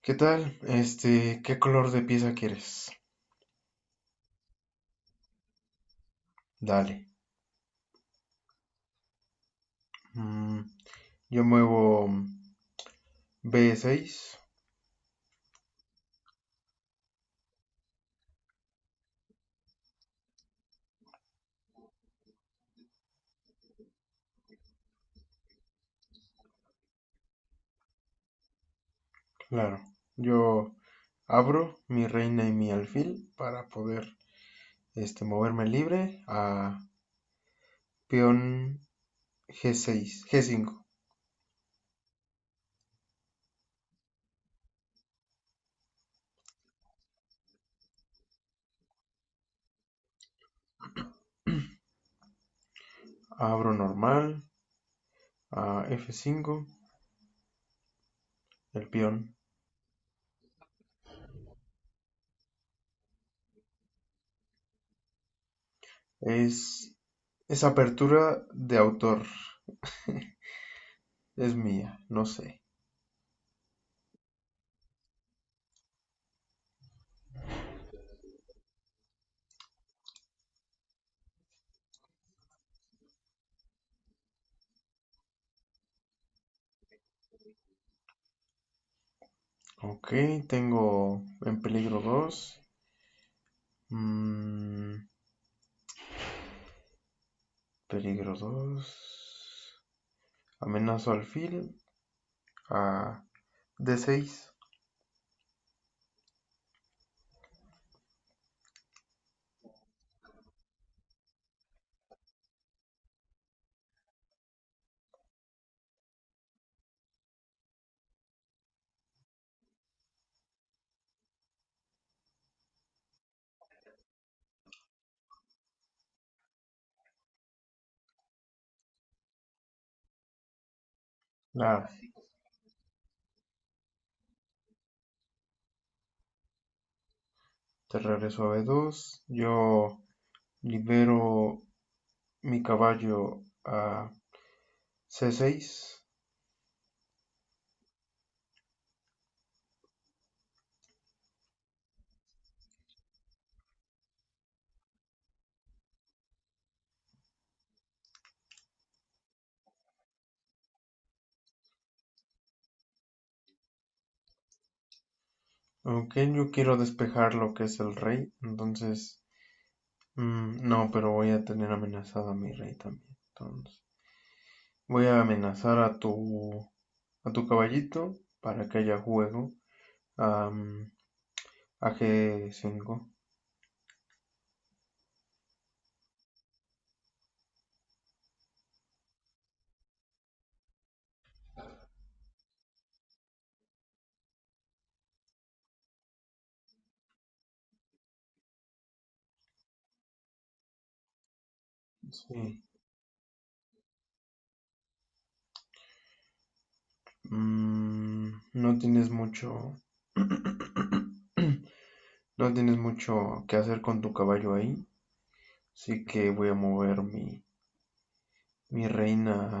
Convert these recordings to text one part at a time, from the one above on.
¿Qué tal? ¿Qué color de pieza quieres? Dale. Mm, yo muevo B6, claro. Yo abro mi reina y mi alfil para poder moverme libre a peón G6, G5. Abro normal a F5, el peón. Es, es apertura de autor, es mía, no sé. Ok, tengo en peligro 2. Mm, Peligro 2, amenazo alfil a D6. La terraria suave dos, yo libero mi caballo a C6. Aunque yo quiero despejar lo que es el rey. Entonces, mm, no, pero voy a tener amenazado a mi rey también. Entonces, voy a amenazar a a tu caballito para que haya juego. am, a G5. Sí. Mm, no tienes mucho... No tienes mucho que hacer con tu caballo ahí, así que voy a mover mi reina a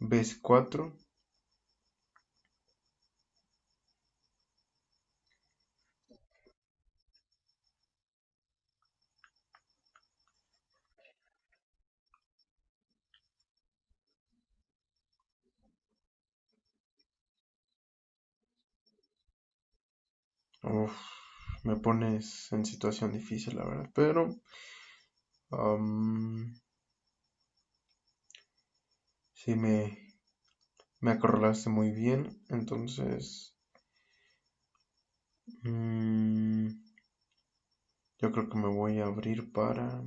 B4. Uf, me pones en situación difícil, la verdad, pero am, sí me acorralaste muy bien, entonces mm, yo creo que me voy a abrir para...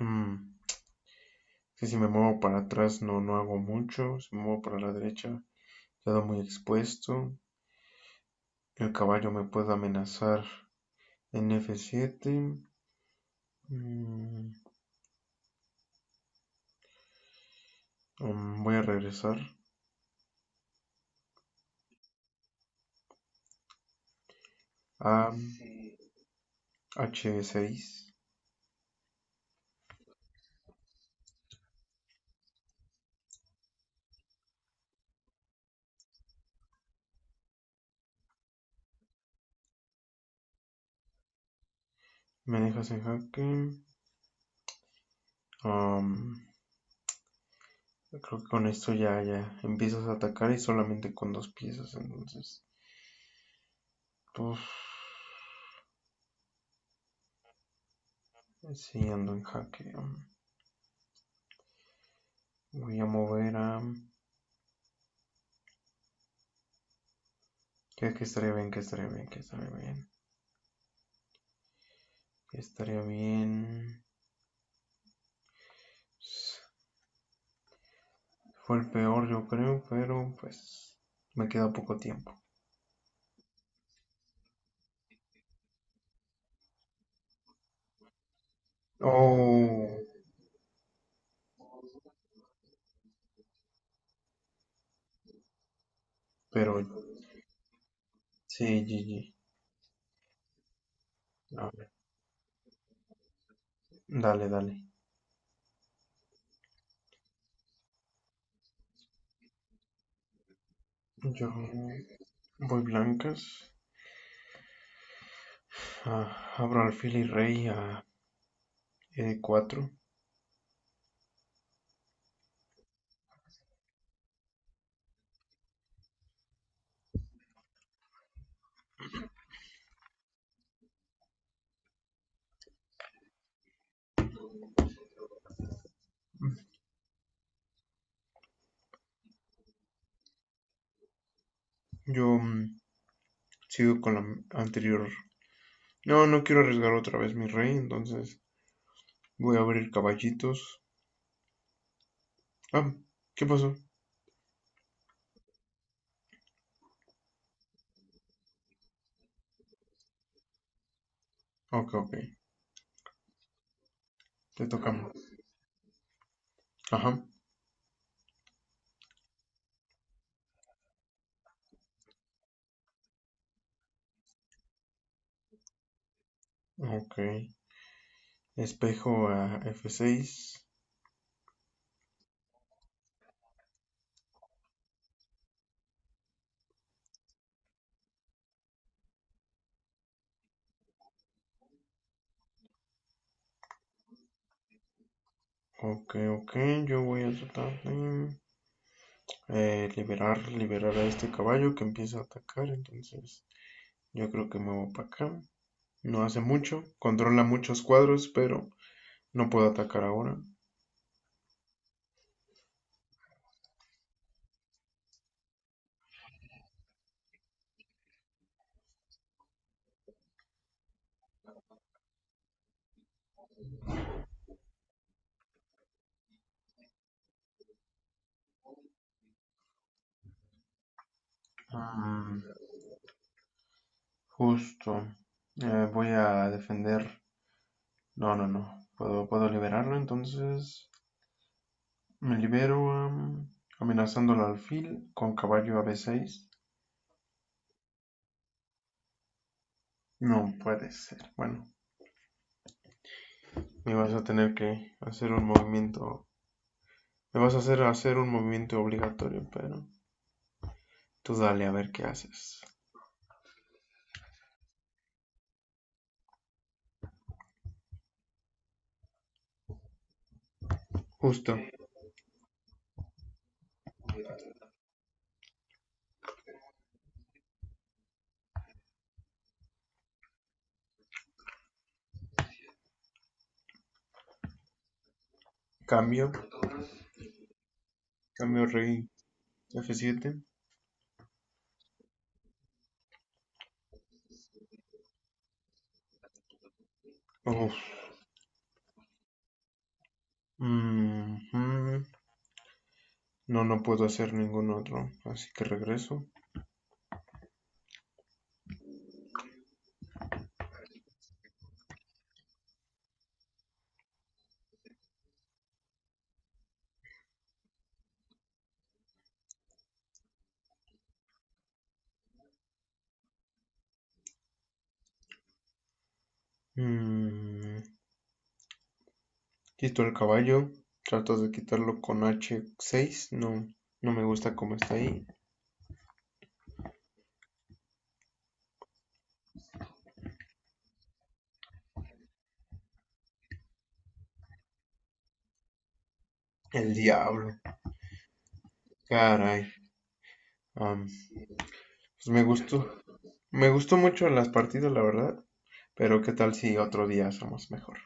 mm, que si me muevo para atrás no, no hago mucho, si me muevo para la derecha quedo muy expuesto. El caballo me puede amenazar en F7. Mm, mm, Voy a regresar a H6. Me dejas en jaque. Um, Creo que con esto ya empiezas a atacar y solamente con dos piezas. Entonces, pues, sí ando en jaque. Voy a mover a. que estaría bien? Que estaría bien? Que estaría bien? ¿Qué estaría bien? Fue el peor, yo creo, pero pues me queda poco tiempo. Oh, pero sí, GG. A ver, dale, dale. Yo voy blancas. Ah, abro alfil y rey a E4. Yo mm, Sigo con la anterior. No, no quiero arriesgar otra vez mi rey, entonces voy a abrir caballitos. Ah, ¿qué pasó? Ok, ok. Te tocamos. Ajá. Ok. Espejo a F6. Ok, ok, yo voy a tratar de liberar a este caballo que empieza a atacar, entonces yo creo que me voy para acá. No hace mucho, controla muchos cuadros, pero no puedo atacar ahora. Mm, Justo, voy a defender. No, no, no, puedo liberarlo, entonces me libero amenazando al alfil con caballo a B6. No puede ser. Bueno, me vas a tener que hacer un movimiento. Me vas a hacer un movimiento obligatorio, pero tú dale a ver qué haces. Justo. Cambio. Cambio rey F7. Uf. Mhm. No, no puedo hacer ningún otro. Así que regreso. Mm, Quito el caballo. Trato de quitarlo con H6. No, no me gusta cómo está ahí. El diablo. Caray. Am, pues me gustó. Me gustó mucho las partidas, la verdad. Pero qué tal si otro día somos mejor.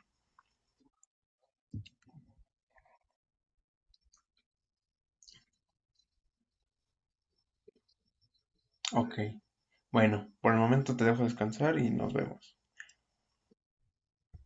Ok. Bueno, por el momento te dejo descansar y nos vemos.